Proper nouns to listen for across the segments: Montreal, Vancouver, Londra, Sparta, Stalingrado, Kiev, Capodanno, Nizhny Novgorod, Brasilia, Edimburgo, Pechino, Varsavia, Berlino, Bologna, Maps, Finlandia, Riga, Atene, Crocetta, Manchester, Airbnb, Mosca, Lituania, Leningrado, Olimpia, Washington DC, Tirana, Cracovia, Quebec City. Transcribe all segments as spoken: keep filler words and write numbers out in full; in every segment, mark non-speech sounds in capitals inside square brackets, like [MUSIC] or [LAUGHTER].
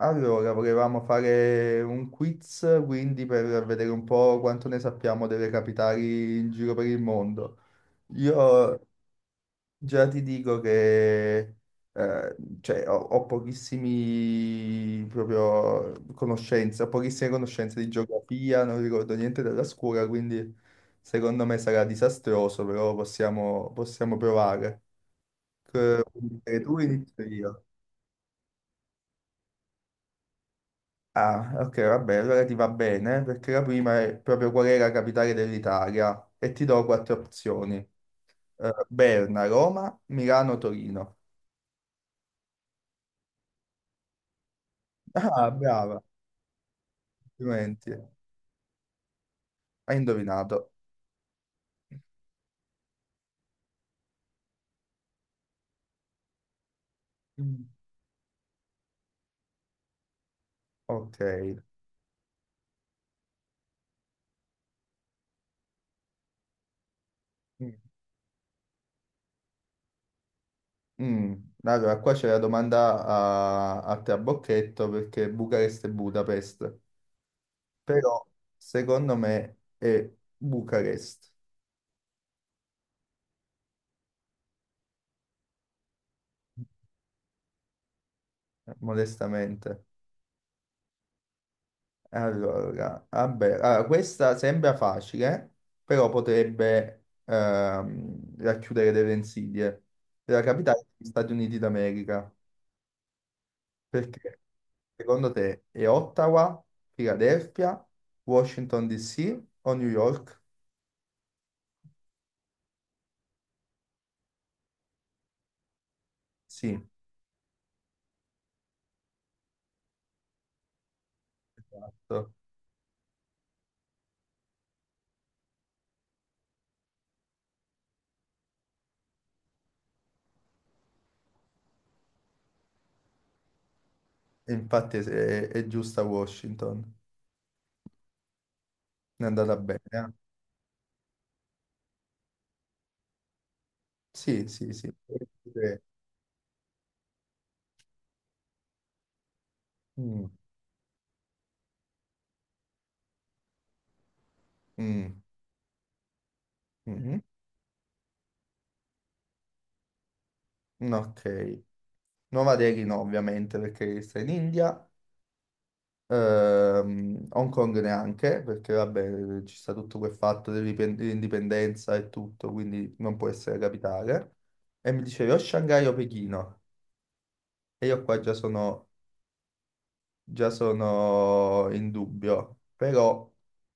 Allora, volevamo fare un quiz, quindi per vedere un po' quanto ne sappiamo delle capitali in giro per il mondo. Io già ti dico che eh, cioè, ho, ho pochissimi proprio conoscenze, ho pochissime conoscenze di geografia, non ricordo niente della scuola, quindi secondo me sarà disastroso, però possiamo, possiamo provare. C- Tu inizio io. Ah, ok, vabbè, allora ti va bene, perché la prima è proprio qual è la capitale dell'Italia e ti do quattro opzioni. Eh, Berna, Roma, Milano, Torino. Ah, brava, complimenti. Hai indovinato. Mm. Ok. Mm. Mm. Allora, qua c'è la domanda a, a trabocchetto perché Bucarest e Budapest, però secondo me è Bucarest, modestamente. Allora, vabbè, allora, questa sembra facile, però potrebbe ehm, racchiudere delle insidie. La capitale degli Stati Uniti d'America. Perché? Secondo te è Ottawa, Philadelphia, Washington D C o New York? Sì, giusto. Infatti è, è giusta Washington. È andata bene. Eh? Sì, sì, sì. Mm, mm, mm. Mm. Ok. Nuova Delhi no, ovviamente, perché sta in India. Ehm, Hong Kong neanche, perché vabbè, ci sta tutto quel fatto dell'indipen- dell'indipendenza e tutto, quindi non può essere capitale. E mi dicevi o Shanghai o Pechino. E io qua già sono, già sono in dubbio, però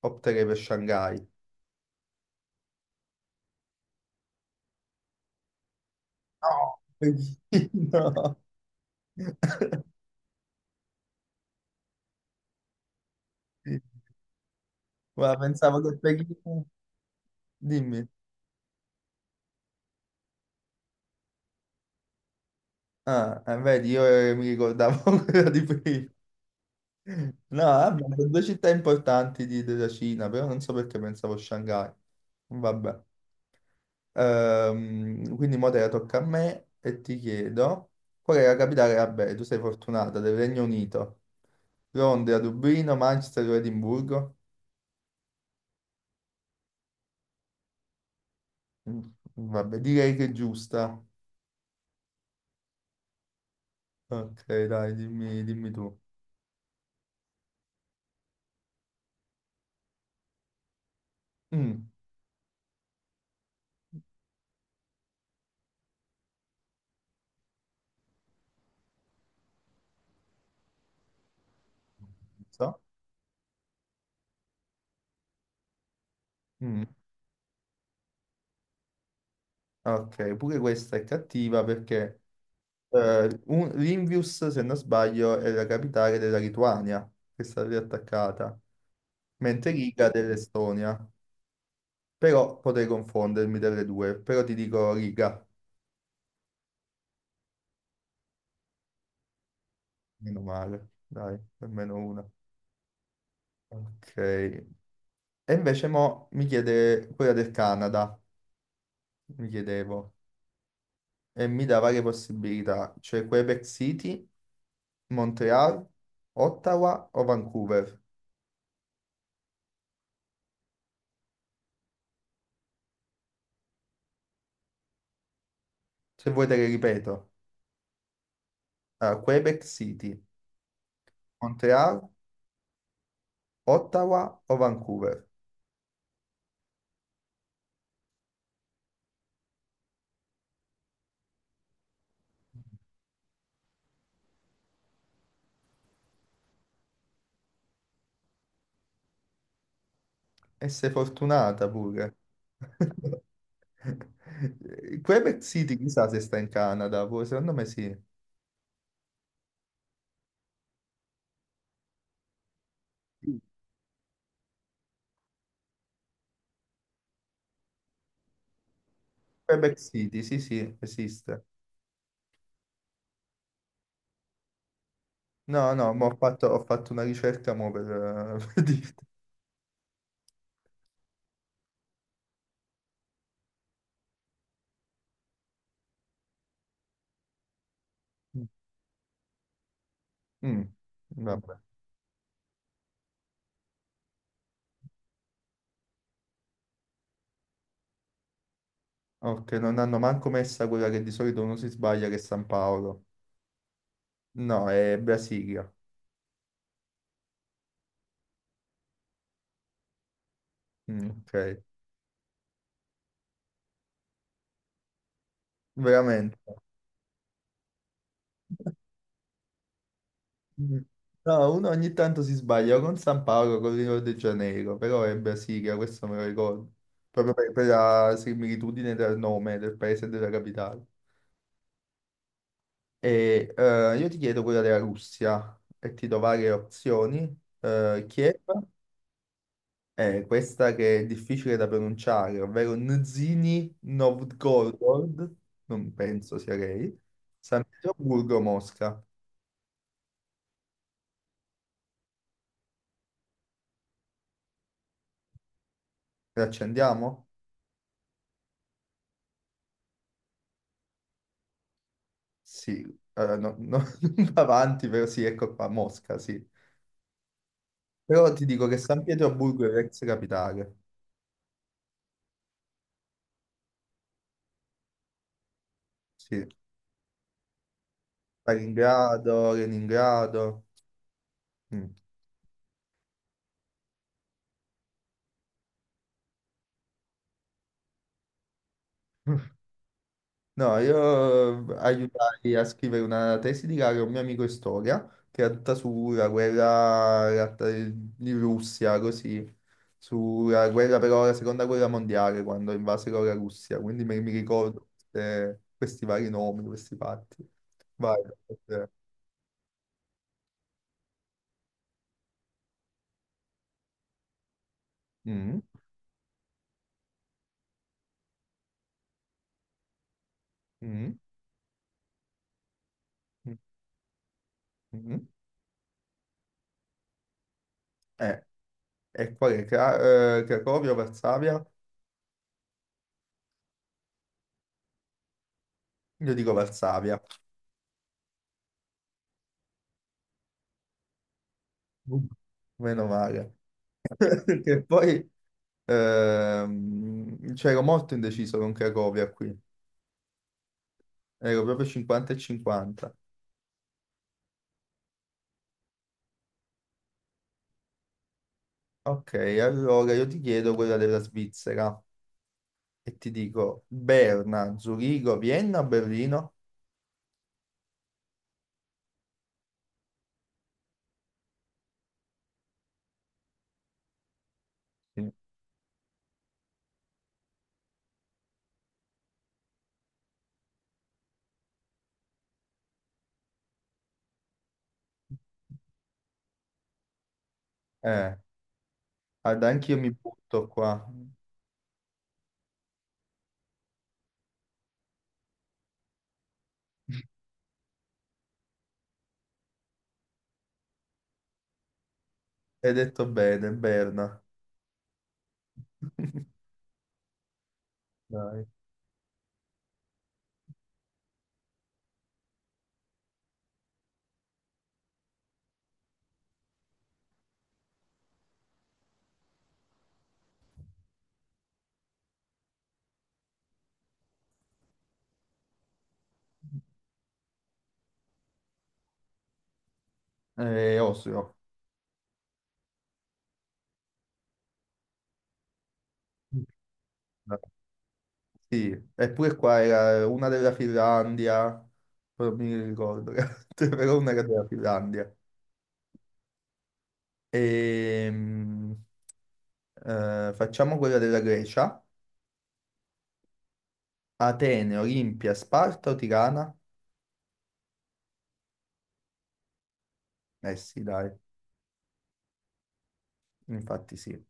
opterei per Shanghai. No, Pechino! [LAUGHS] Ma pensavo che Pechino... Dimmi. Ah, eh, vedi, io eh, mi ricordavo [LAUGHS] quella di prima. No, abbiamo due città importanti di- della Cina, però non so perché pensavo a Shanghai. Vabbè. Ehm, quindi mo te la tocca a me e ti chiedo qual è la capitale? Vabbè, tu sei fortunata, del Regno Unito. Londra, Dublino, Manchester o Edimburgo? Mm, vabbè, direi che è giusta. Ok, dai, dimmi, dimmi tu. Mm, non so. Mm, ok, pure questa è cattiva perché Eh, un- Limvius, se non sbaglio, è la capitale della Lituania, che è stata riattaccata, mentre Riga dell'Estonia. Però potrei confondermi delle due, però ti dico Riga, meno male, dai, almeno una. Ok. E invece mo mi chiede quella del Canada, mi chiedevo, e mi dà varie possibilità, cioè Quebec City, Montreal, Ottawa o Vancouver. Se vuoi te le ripeto, allora, Quebec City, Montreal, Ottawa o Vancouver? E sei fortunata pure. [LAUGHS] Quebec City, chissà se sta in Canada, pure, secondo me sì. Sì. Quebec City, sì, sì, esiste. No, no, ma ho fatto, ho fatto una ricerca mo per, eh, [LAUGHS] per dirti. Mm, vabbè. Ok, non hanno manco messa quella che di solito uno si sbaglia, che è San Paolo. No, è Brasilia. Mm, ok, veramente. Mm. No, uno ogni tanto si sbaglia o con San Paolo o con Rio de Janeiro, però è Brasilia, questo me lo ricordo, proprio per, per la similitudine del nome del paese e della capitale. E eh, io ti chiedo quella della Russia e ti do varie opzioni. Eh, Kiev è questa che è difficile da pronunciare, ovvero Nizhny Novgorod, non penso sia lei, San Pietroburgo, Mosca. La accendiamo? Sì, eh, no- no- [LAUGHS] non va avanti, però sì, ecco qua, Mosca, sì. Però ti dico che San Pietroburgo è l'ex capitale, sì. Stalingrado, Leningrado. Mm. [LAUGHS] No, io eh, aiutai a scrivere una tesi di laurea a un mio amico in storia, che era tutta sulla guerra la- di Russia, così, sulla guerra però, la seconda guerra mondiale, quando invasero la Russia, quindi mi, mi ricordo eh, questi vari nomi, questi fatti. Vai. Eh. Mm. Mm, mm, mm. Eh, e qual è? Cra- eh, Cracovia o Varsavia? Io dico Varsavia. Uh. Meno male. [LAUGHS] Perché poi ehm, c'ero molto indeciso con Cracovia qui. Ero proprio cinquanta e cinquanta. Ok, allora io ti chiedo quella della Svizzera e ti dico Berna, Zurigo, Vienna, o Berlino? Sì. Eh, guarda, anch'io mi butto qua. Hai detto bene, Berna. [LAUGHS] Dai. Eh, Oslo. Sì, eppure qua era una della Finlandia, però non mi ricordo, [LAUGHS] però una era della Finlandia. Ehm, eh, facciamo quella della Grecia. Atene, Olimpia, Sparta o Tirana? Eh sì, dai, infatti sì.